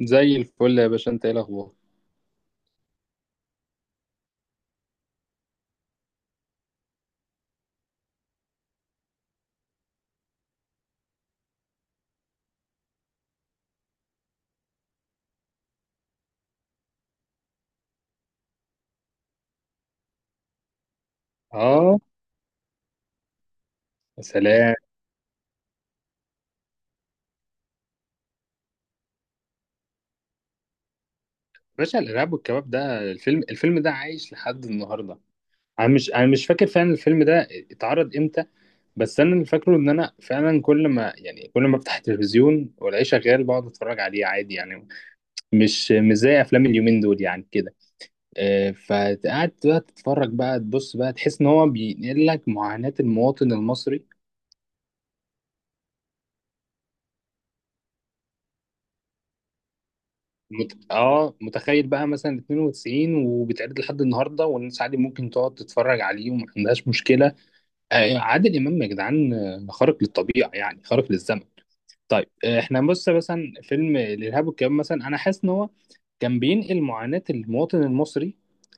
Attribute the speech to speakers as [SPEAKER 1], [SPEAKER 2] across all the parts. [SPEAKER 1] زي الفل يا باشا، انت ايه الاخبار؟ اه. يا سلام يا باشا، الارهاب والكباب ده، الفيلم ده عايش لحد النهارده. انا مش فاكر فعلا الفيلم ده اتعرض امتى، بس انا اللي فاكره ان انا فعلا كل ما افتح التلفزيون والاقيه شغال بقعد اتفرج عليه عادي يعني. مش زي افلام اليومين دول يعني كده. اه، فقعدت بقى تتفرج بقى تبص بقى تحس ان هو بينقل لك معاناة المواطن المصري. مت... اه متخيل بقى مثلا 92 وبيتعرض لحد النهارده، والناس عادي ممكن تقعد تتفرج عليه وما عندهاش مشكله. آه، عادل امام يا جدعان. خارق للطبيعه يعني، خارق للزمن. طيب، احنا بص مثلا فيلم الارهاب والكباب مثلا، انا حاسس ان هو كان بينقل معاناه المواطن المصري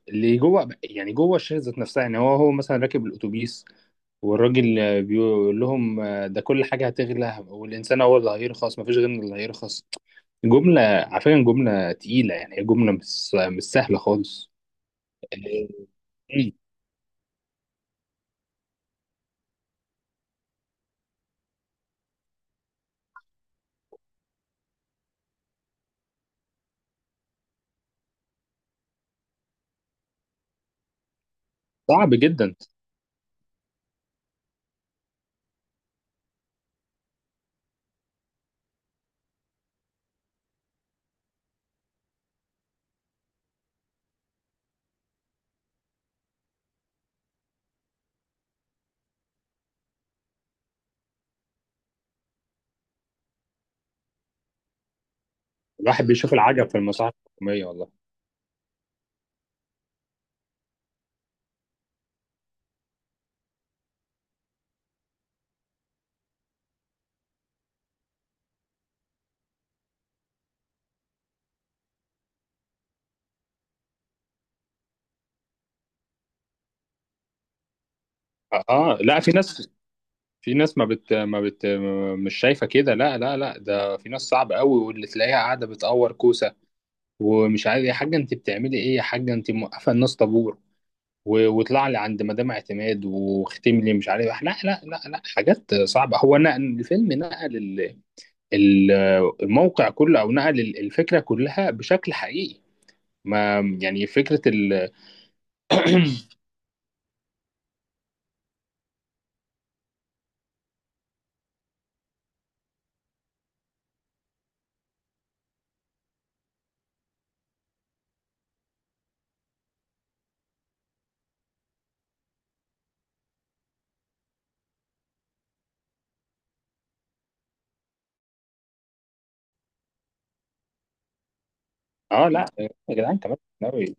[SPEAKER 1] اللي جوه، يعني جوه الشاشه ذات نفسها. يعني هو مثلا راكب الاتوبيس والراجل، بيقول لهم، ده كل حاجه هتغلى والانسان هو اللي هيرخص، مفيش غيرنا اللي هيرخص. جملة على فكرة، جملة تقيلة يعني، هي جملة مش سهلة خالص. إيه، مم. صعب جدا. الواحد بيشوف العجب في المصالح الحكومية والله. اه. لا، في ناس في ناس، ما بت ما بت مش شايفة كده. لا لا لا، ده في ناس صعبة قوي، واللي تلاقيها قاعدة بتقور كوسة ومش عارف يا حاجة انت بتعملي ايه، يا حاجة انت موقفة الناس طابور، واطلع لي عند مدام اعتماد واختم لي مش عارف. لا لا لا لا، حاجات صعبة. هو نقل الفيلم، نقل ال- الموقع كله، او نقل الفكره كلها بشكل حقيقي. ما يعني فكره ال اه لا يا جدعان، كمان ناوي.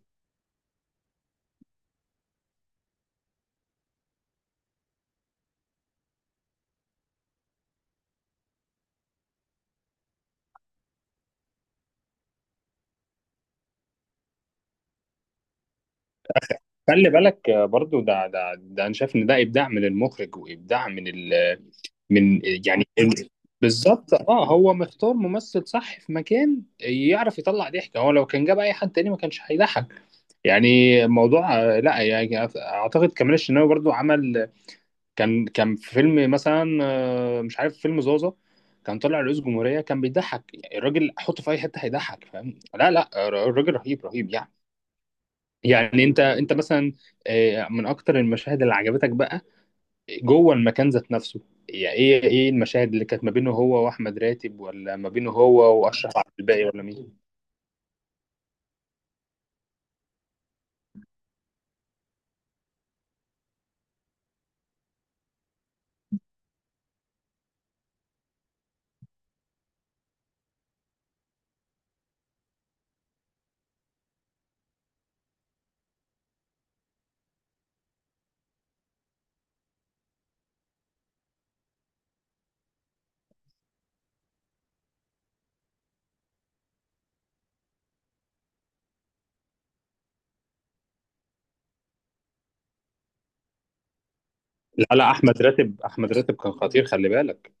[SPEAKER 1] خلي بالك، برضو ده انا شايف ان ده ابداع من المخرج، وابداع من ال من يعني ال- بالظبط. اه هو مختار ممثل صح في مكان، يعرف يطلع ضحك. هو لو كان جاب اي حد تاني ما كانش هيضحك. يعني الموضوع، لا يعني اعتقد كمال الشناوي برضو عمل، كان في فيلم مثلا، مش عارف، فيلم زازا. كان طلع رئيس جمهورية، كان بيضحك. يعني الراجل حطه في اي حتة هيضحك، فاهم؟ لا لا، الراجل رهيب رهيب يعني. يعني انت مثلا، من اكتر المشاهد اللي عجبتك بقى جوه المكان ذات نفسه، يعني ايه المشاهد اللي كانت ما بينه هو واحمد راتب، ولا ما بينه هو واشرف عبد الباقي، ولا مين؟ لا لا، احمد راتب كان خطير، خلي بالك.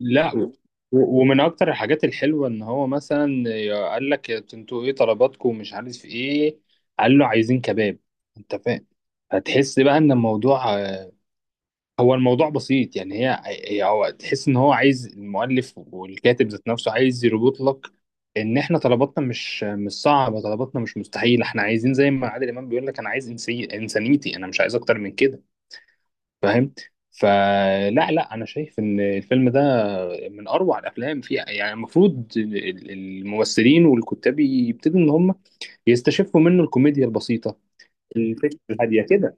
[SPEAKER 1] لا، ومن اكتر الحاجات الحلوه ان هو مثلا قال لك انتوا ايه طلباتكم ومش عارف ايه، قال له عايزين كباب، انت فاهم؟ فتحس بقى ان الموضوع، هو الموضوع بسيط يعني. هو تحس ان هو عايز المؤلف والكاتب ذات نفسه عايز يربط لك ان احنا طلباتنا مش صعبه، طلباتنا مش مستحيله. احنا عايزين زي ما عادل امام بيقول لك: انا عايز إنسي انسانيتي، انا مش عايز اكتر من كده، فاهم؟ فلا لا، انا شايف ان الفيلم ده من اروع الافلام فيها، يعني المفروض الممثلين والكتاب يبتدوا ان هم يستشفوا منه الكوميديا البسيطه، الفكره الهاديه كده.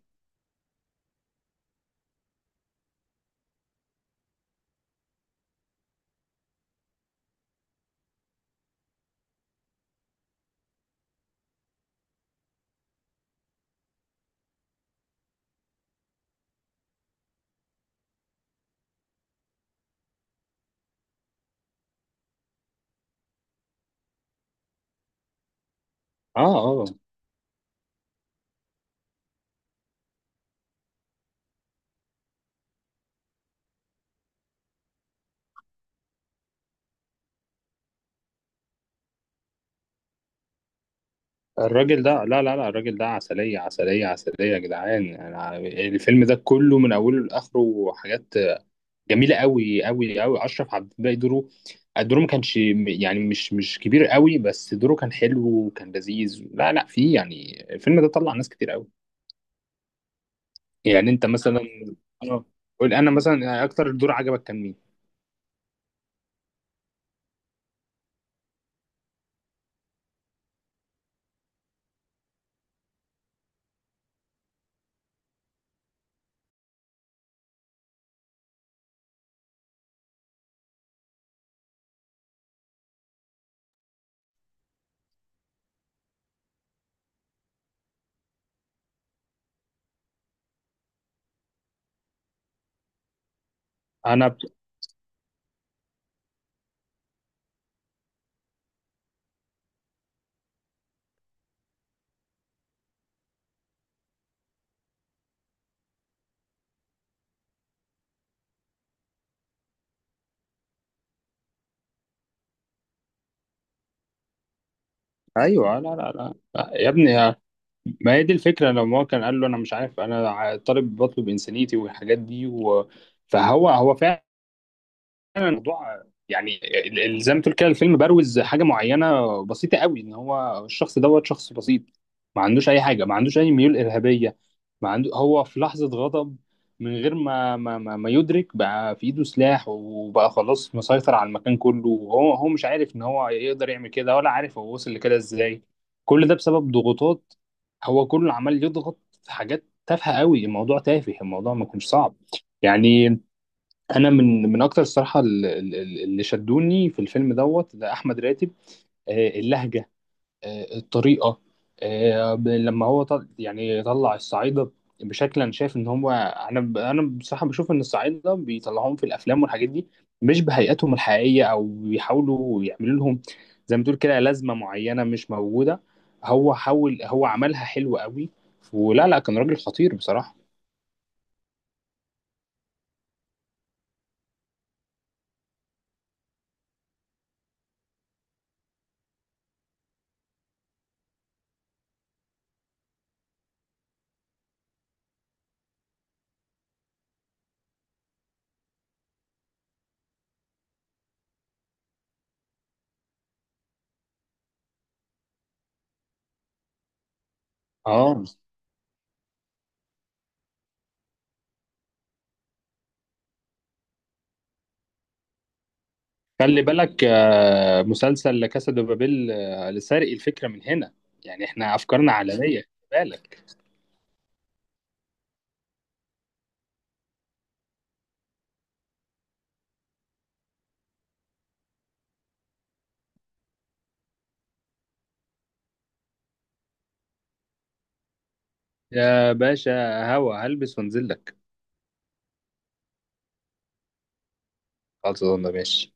[SPEAKER 1] اه اه. الراجل ده، لا لا لا، الراجل ده عسليه عسليه عسليه يا جدعان. يعني الفيلم ده كله من اوله لاخره حاجات جميله قوي قوي قوي. اشرف عبد الباقي، دوره ما كانش يعني مش كبير قوي، بس دوره كان حلو وكان لذيذ. لا لا، فيه يعني الفيلم ده طلع ناس كتير قوي. يعني انت مثلا، اه قول انا مثلا يعني، اكتر دور عجبك كان مين؟ انا ب... ايوه، لا لا لا يا ابني، ما هي دي الفكره. لو ما هو كان قال له انا مش عارف، انا طالب، بطلب انسانيتي والحاجات دي، فهو هو فعلا الموضوع، يعني زي ما تقول كده، الفيلم بروز حاجه معينه بسيطه قوي، ان هو الشخص دوت شخص بسيط، ما عندوش اي حاجه، ما عندوش اي ميول ارهابيه، ما عنده. هو في لحظه غضب، من غير ما, يدرك بقى في ايده سلاح، وبقى خلاص مسيطر على المكان كله، وهو هو مش عارف ان هو يقدر يعمل كده، ولا عارف هو وصل لكده ازاي. كل ده بسبب ضغوطات، هو كله عمال يضغط في حاجات تافهه قوي، الموضوع تافه، الموضوع ما كانش صعب يعني. انا من اكتر الصراحه اللي شدوني في الفيلم دوت ده احمد راتب. اللهجه، الطريقه، لما هو يعني طلع الصعايده بشكل، انا شايف ان هو، انا بصراحه بشوف ان الصعايده بيطلعوهم في الافلام والحاجات دي مش بهيئتهم الحقيقيه، او بيحاولوا يعملوا لهم زي ما تقول كده لازمه معينه مش موجوده. هو حاول، هو عملها حلو قوي ولا لا، كان راجل خطير بصراحه. اه، خلي بالك، مسلسل لا كاسا دو بابيل لسرق الفكره من هنا، يعني احنا افكارنا عالميه، خلي بالك. يا باشا، هوا هلبس وانزل لك. خلاص يا ماشي.